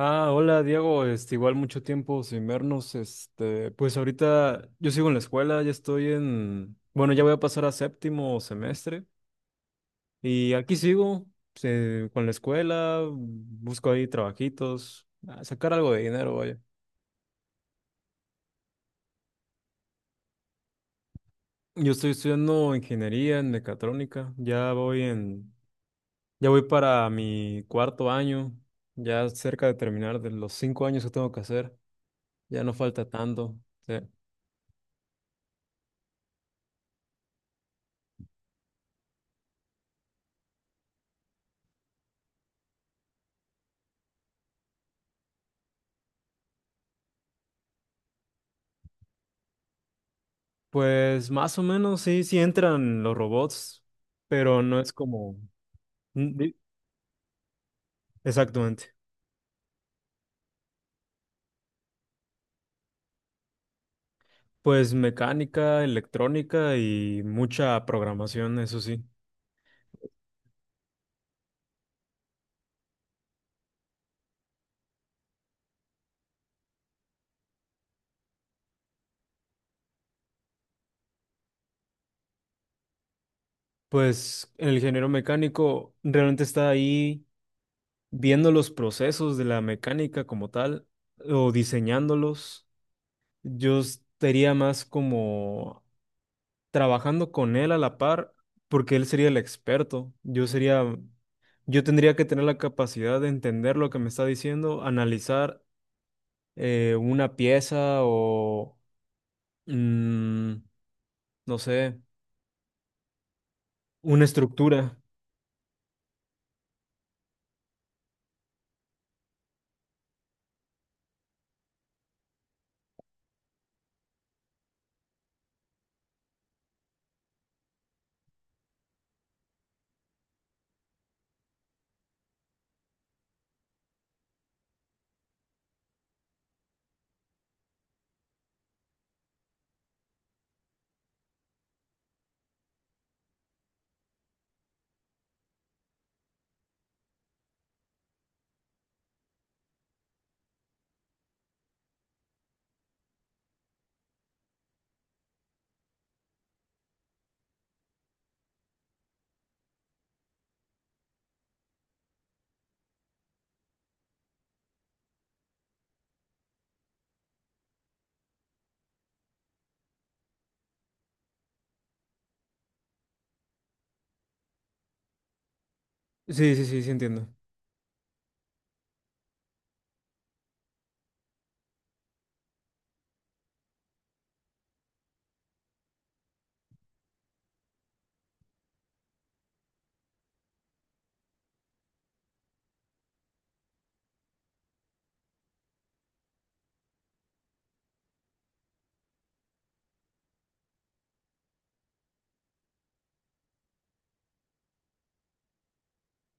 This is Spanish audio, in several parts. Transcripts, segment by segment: Ah, hola Diego, igual mucho tiempo sin vernos, pues ahorita yo sigo en la escuela, ya estoy en, bueno, ya voy a pasar a séptimo semestre y aquí sigo con la escuela, busco ahí trabajitos, a sacar algo de dinero, vaya. Yo estoy estudiando ingeniería en mecatrónica, ya voy para mi cuarto año, ya cerca de terminar de los 5 años que tengo que hacer, ya no falta tanto, sí. Pues más o menos sí, sí entran los robots, pero no es como... Mm, di- Exactamente. Pues mecánica, electrónica y mucha programación, eso sí. Pues el ingeniero mecánico realmente está ahí viendo los procesos de la mecánica como tal o diseñándolos. Yo estaría más como trabajando con él a la par porque él sería el experto. Yo tendría que tener la capacidad de entender lo que me está diciendo, analizar una pieza o, mm, no sé, una estructura. Sí, sí, sí, sí entiendo.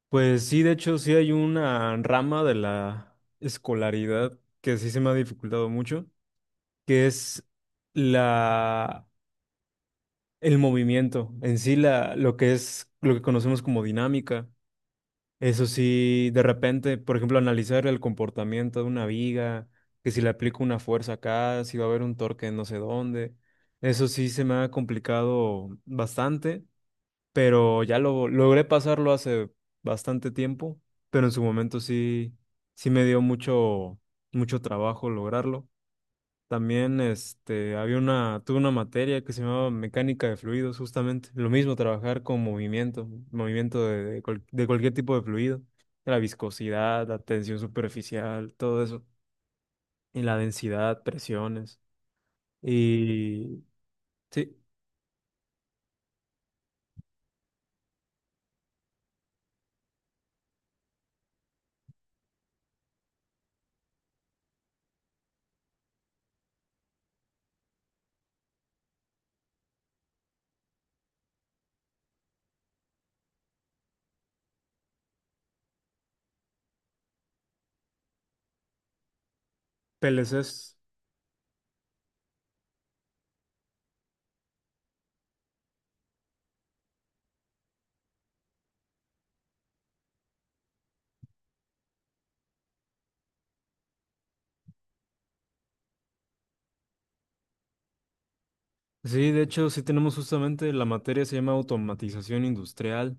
Pues sí, de hecho, sí hay una rama de la escolaridad que sí se me ha dificultado mucho, que es la, el movimiento, en sí lo que es, lo que conocemos como dinámica. Eso sí, de repente, por ejemplo, analizar el comportamiento de una viga, que si le aplico una fuerza acá, si va a haber un torque en no sé dónde. Eso sí se me ha complicado bastante, pero ya lo logré pasarlo hace bastante tiempo, pero en su momento sí, sí me dio mucho, mucho trabajo lograrlo. También tuve una materia que se llamaba mecánica de fluidos, justamente. Lo mismo, trabajar con movimiento, movimiento de cualquier tipo de fluido. La viscosidad, la tensión superficial, todo eso. Y la densidad, presiones. Y sí, PLCs. Sí, de hecho, sí tenemos justamente la materia se llama automatización industrial.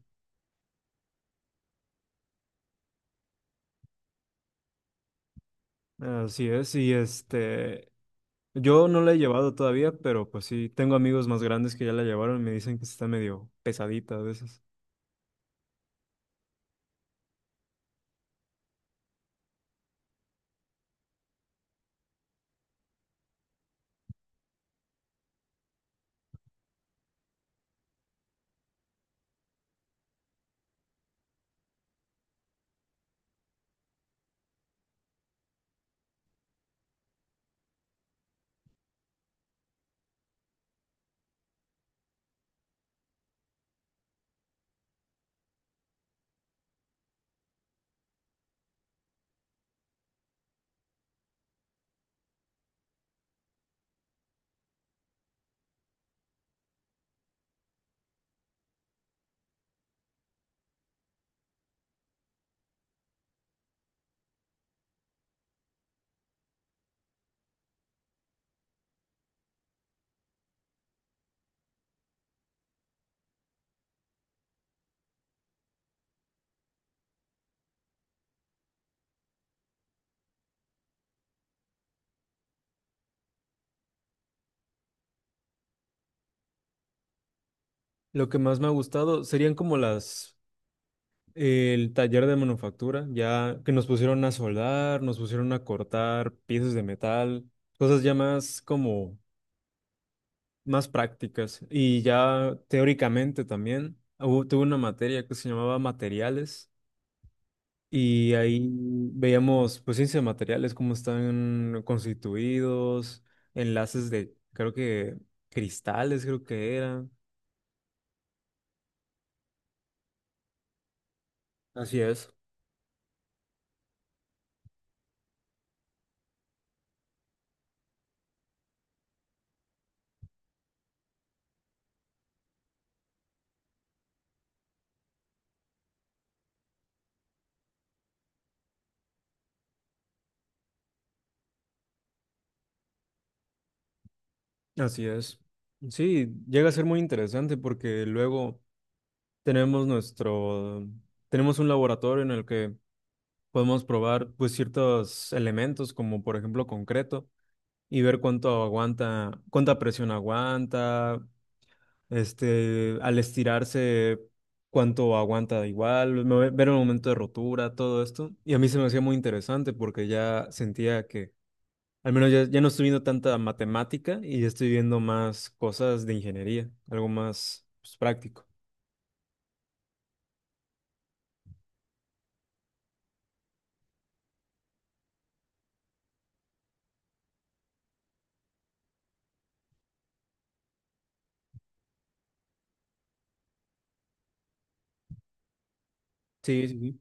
Así es, y yo no la he llevado todavía, pero pues sí, tengo amigos más grandes que ya la llevaron y me dicen que está medio pesadita a veces. Lo que más me ha gustado serían como el taller de manufactura, ya que nos pusieron a soldar, nos pusieron a cortar piezas de metal, cosas ya más como, más prácticas. Y ya teóricamente también, tuve una materia que se llamaba materiales, y ahí veíamos, pues, ciencia de materiales, cómo están constituidos, enlaces de, creo que, cristales, creo que eran. Así es. Así es. Sí, llega a ser muy interesante porque luego tenemos nuestro, tenemos un laboratorio en el que podemos probar pues ciertos elementos como por ejemplo concreto y ver cuánto aguanta, cuánta presión aguanta, al estirarse, cuánto aguanta igual, ver el momento de rotura, todo esto. Y a mí se me hacía muy interesante porque ya sentía que, al menos ya, ya no estoy viendo tanta matemática y ya estoy viendo más cosas de ingeniería, algo más pues, práctico. Sí, sí, sí.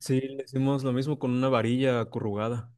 Sí, le hicimos lo mismo con una varilla acurrugada.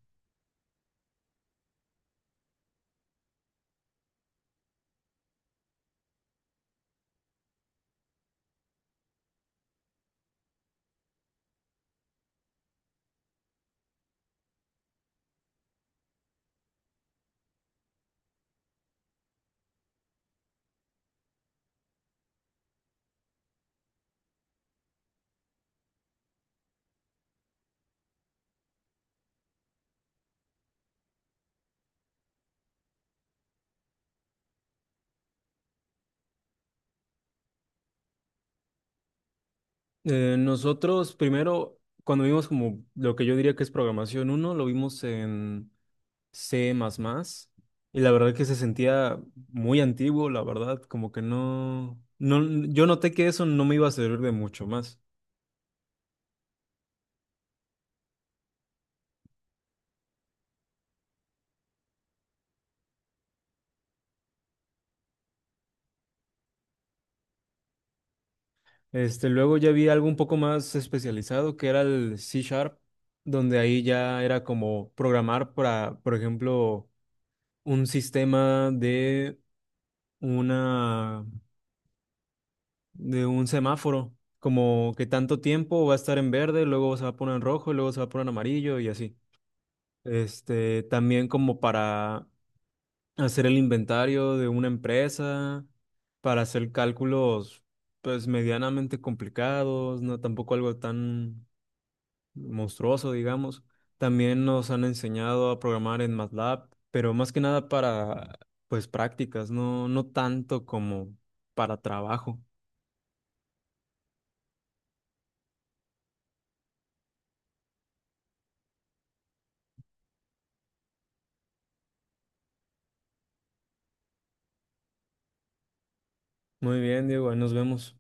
Nosotros primero, cuando vimos como lo que yo diría que es programación uno lo vimos en C++, y la verdad que se sentía muy antiguo, la verdad, como que no, no, yo noté que eso no me iba a servir de mucho más. Luego ya vi algo un poco más especializado, que era el C Sharp, donde ahí ya era como programar para, por ejemplo, un sistema de una de un semáforo, como que tanto tiempo va a estar en verde, luego se va a poner en rojo, y luego se va a poner en amarillo y así. También como para hacer el inventario de una empresa, para hacer cálculos pues medianamente complicados, no tampoco algo tan monstruoso, digamos. También nos han enseñado a programar en MATLAB, pero más que nada para pues prácticas, no no tanto como para trabajo. Muy bien, Diego, ahí nos vemos.